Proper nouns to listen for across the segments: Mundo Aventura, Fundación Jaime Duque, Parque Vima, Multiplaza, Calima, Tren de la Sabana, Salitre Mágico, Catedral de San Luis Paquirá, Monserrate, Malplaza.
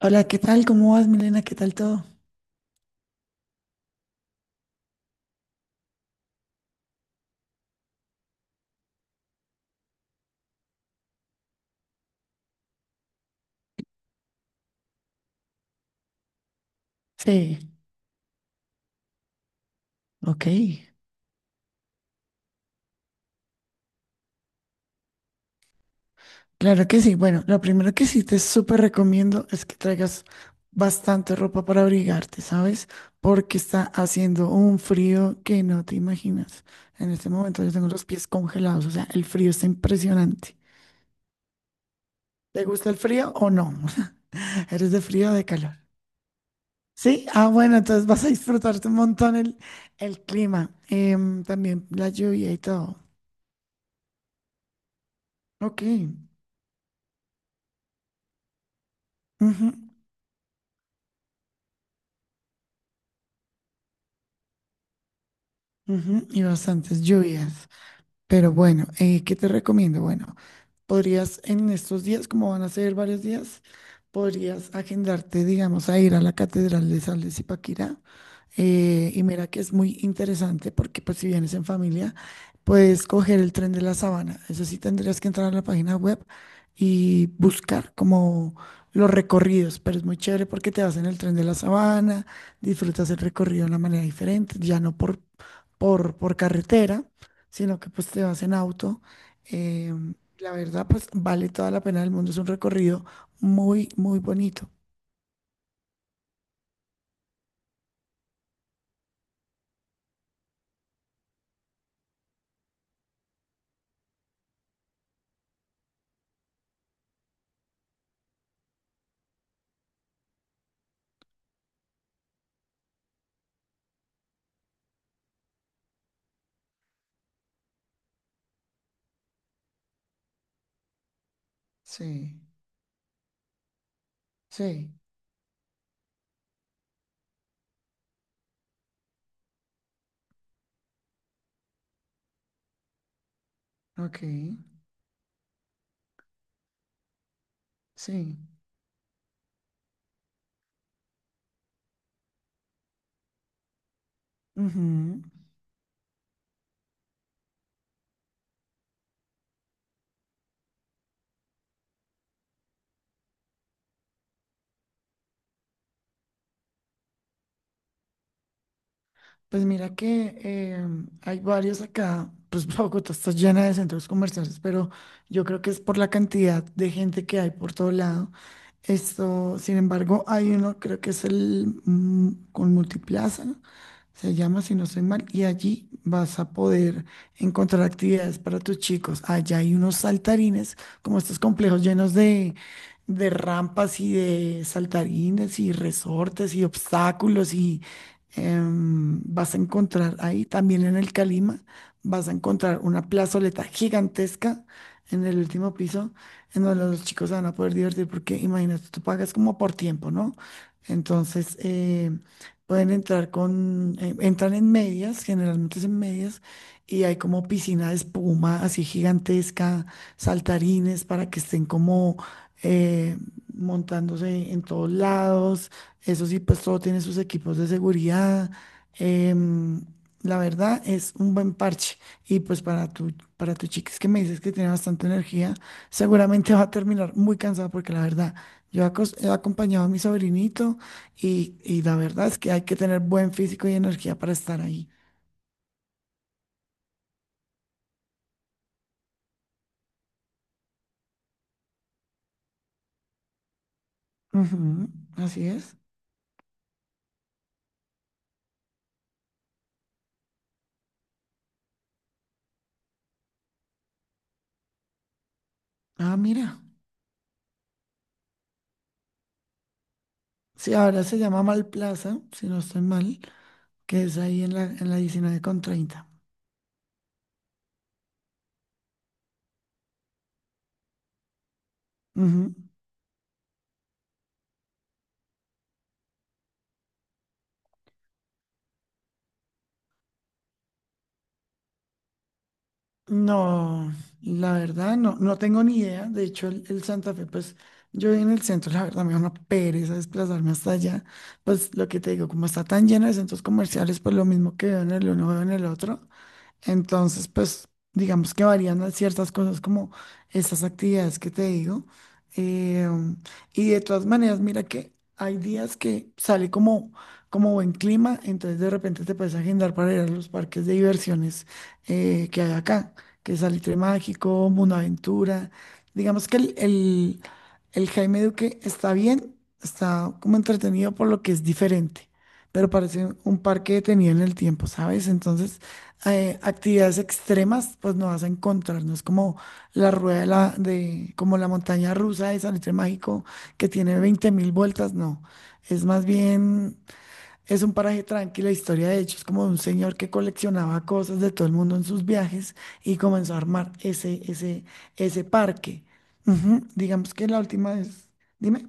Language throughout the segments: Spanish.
Hola, ¿qué tal? ¿Cómo vas, Milena? ¿Qué tal todo? Sí, ok. Claro que sí. Bueno, lo primero que sí te súper recomiendo es que traigas bastante ropa para abrigarte, ¿sabes? Porque está haciendo un frío que no te imaginas. En este momento yo tengo los pies congelados, o sea, el frío está impresionante. ¿Te gusta el frío o no? ¿Eres de frío o de calor? Sí, ah, bueno, entonces vas a disfrutarte un montón el clima, también la lluvia y todo. Ok. Ujú. Ujú, y bastantes lluvias. Pero bueno, ¿qué te recomiendo? Bueno, podrías en estos días, como van a ser varios días, podrías agendarte, digamos, a ir a la Catedral de San Luis Paquirá. Y mira que es muy interesante porque pues si vienes en familia, puedes coger el tren de la Sabana. Eso sí, tendrías que entrar a la página web y buscar como los recorridos, pero es muy chévere porque te vas en el tren de la Sabana, disfrutas el recorrido de una manera diferente, ya no por por carretera, sino que pues te vas en auto. La verdad, pues vale toda la pena del mundo. Es un recorrido muy, muy bonito. Sí, sí, ok, sí. Ujú. Pues mira que hay varios acá, pues Bogotá está llena de centros comerciales, pero yo creo que es por la cantidad de gente que hay por todo lado. Esto, sin embargo, hay uno, creo que es el con Multiplaza, se llama, si no estoy mal, y allí vas a poder encontrar actividades para tus chicos. Allá hay unos saltarines, como estos complejos llenos de, rampas y de saltarines y resortes y obstáculos y vas a encontrar ahí, también en el Calima, vas a encontrar una plazoleta gigantesca en el último piso, en donde los chicos se van a poder divertir, porque imagínate, tú pagas como por tiempo, ¿no? Entonces, pueden entrar con, entran en medias, generalmente es en medias, y hay como piscina de espuma así gigantesca, saltarines para que estén como... eh, montándose en todos lados, eso sí, pues todo tiene sus equipos de seguridad. em, la verdad es un buen parche. Y pues para tu, chica, es que me dices que tiene bastante energía, seguramente va a terminar muy cansada porque la verdad, yo he acompañado a mi sobrinito y la verdad es que hay que tener buen físico y energía para estar ahí. Ujú, así es. Ah, mira. Sí, ahora se llama Malplaza, si no estoy mal, que es ahí en la, 19 con 30. Ujú. No, la verdad no, no tengo ni idea. De hecho, el Santa Fe, pues yo vivo en el centro, la verdad me da una pereza desplazarme hasta allá. Pues lo que te digo, como está tan lleno de centros comerciales, pues lo mismo que veo en el uno, veo en el otro. Entonces, pues, digamos que varían a ciertas cosas como esas actividades que te digo. Eh, y de todas maneras, mira que hay días que sale como, buen clima, entonces de repente te puedes agendar para ir a los parques de diversiones que hay acá, que es Salitre Mágico, Mundo Aventura. Digamos que el Jaime Duque está bien, está como entretenido por lo que es diferente, pero parece un parque detenido en el tiempo, ¿sabes? Entonces actividades extremas, pues no vas a encontrar, no es como la rueda de la, como la montaña rusa de Salitre Mágico que tiene 20.000 vueltas, no. Es más bien, es un paraje tranquilo, la historia de hecho es como de un señor que coleccionaba cosas de todo el mundo en sus viajes y comenzó a armar ese, ese parque. Ujú, digamos que la última es, dime,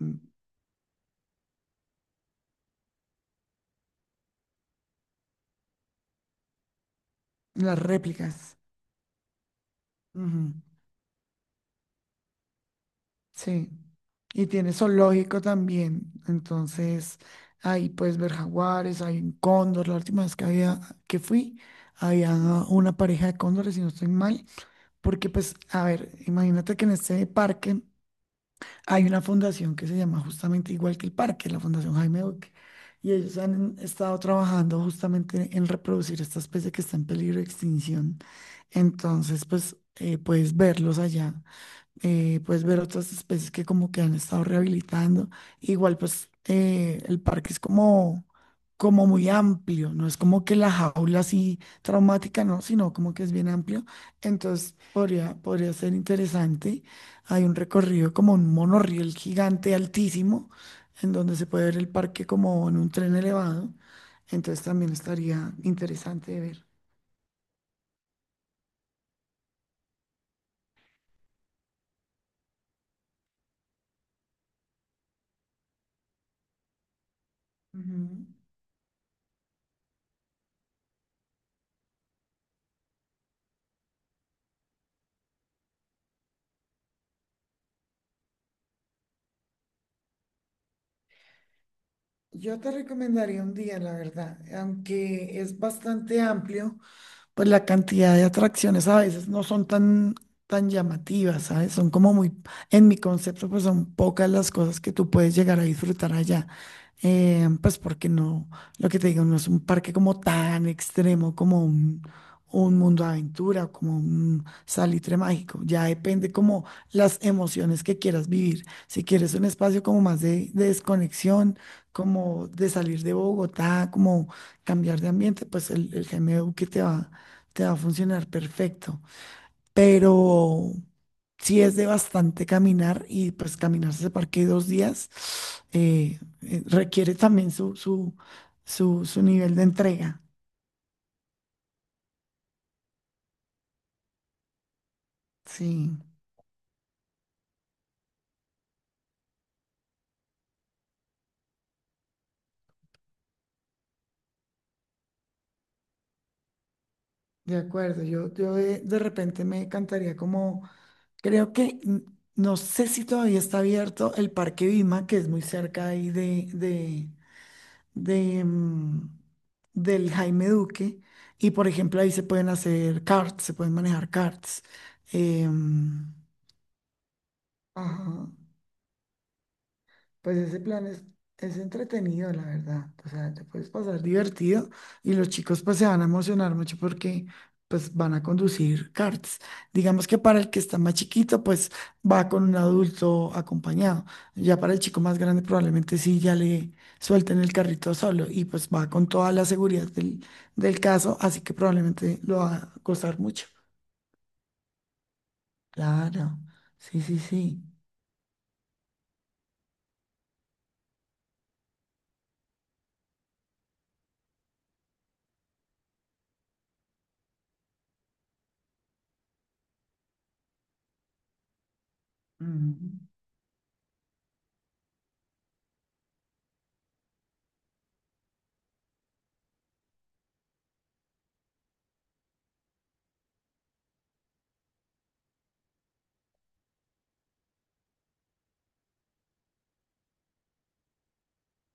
mm, las réplicas. Sí, y tiene zoológico también. Entonces, ahí puedes ver jaguares, hay un cóndor. La última vez que fui, había una pareja de cóndores, si no estoy mal, porque pues, a ver, imagínate que en este parque hay una fundación que se llama justamente igual que el parque, la Fundación Jaime Duque. Y ellos han estado trabajando justamente en reproducir esta especie que está en peligro de extinción. Entonces, pues, puedes verlos allá. Puedes ver otras especies que como que han estado rehabilitando. Igual pues el parque es como, muy amplio, no es como que la jaula así traumática, no, sino como que es bien amplio. Entonces podría ser interesante. Hay un recorrido como un monorriel gigante altísimo, en donde se puede ver el parque como en un tren elevado. Entonces también estaría interesante de ver. Ujú. Yo te recomendaría un día, la verdad, aunque es bastante amplio pues la cantidad de atracciones a veces no son tan, tan llamativas, ¿sabes? Son como muy, en mi concepto, pues son pocas las cosas que tú puedes llegar a disfrutar allá. Pues porque no, lo que te digo, no es un parque como tan extremo como un, mundo de aventura o como un salitre mágico. Ya depende como las emociones que quieras vivir. Si quieres un espacio como más de, desconexión, como de salir de Bogotá, como cambiar de ambiente, pues el GMU que te va a funcionar perfecto. Pero si es de bastante caminar y pues caminarse ese parque 2 días, requiere también su, nivel de entrega. Sí, de acuerdo. Yo de repente me encantaría como, creo que, no sé si todavía está abierto el Parque Vima, que es muy cerca ahí de, mm, del Jaime Duque. Y por ejemplo, ahí se pueden hacer karts, se pueden manejar karts. em, ajá. Pues ese plan es entretenido, la verdad. O sea, te puedes pasar divertido y los chicos pues se van a emocionar mucho porque pues van a conducir karts. Digamos que para el que está más chiquito pues va con un adulto acompañado. Ya para el chico más grande probablemente sí ya le suelten el carrito solo y pues va con toda la seguridad del, caso, así que probablemente lo va a costar mucho. Claro, sí, sí, sí. Ujú.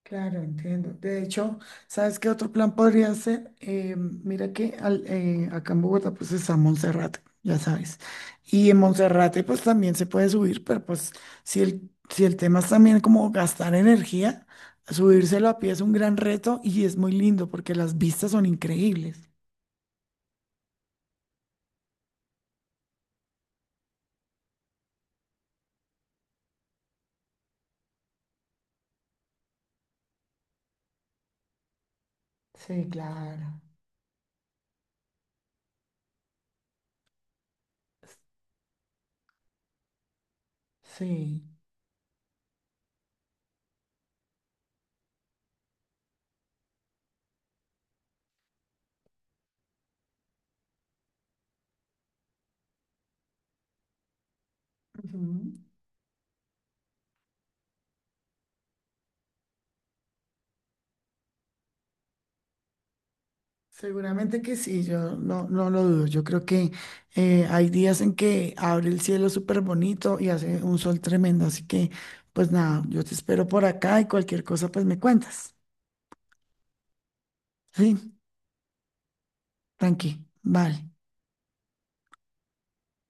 Claro, entiendo. De hecho, ¿sabes qué otro plan podría ser? Mira que acá en Bogotá pues está Monserrate, ya sabes. Y en Monserrate pues también se puede subir, pero pues si el tema es también como gastar energía, subírselo a pie es un gran reto y es muy lindo porque las vistas son increíbles. Sí, claro. Sí. Seguramente que sí, yo no lo dudo. Yo creo que hay días en que abre el cielo súper bonito y hace un sol tremendo. Así que, pues nada, yo te espero por acá y cualquier cosa, pues me cuentas. Sí, tranqui, vale.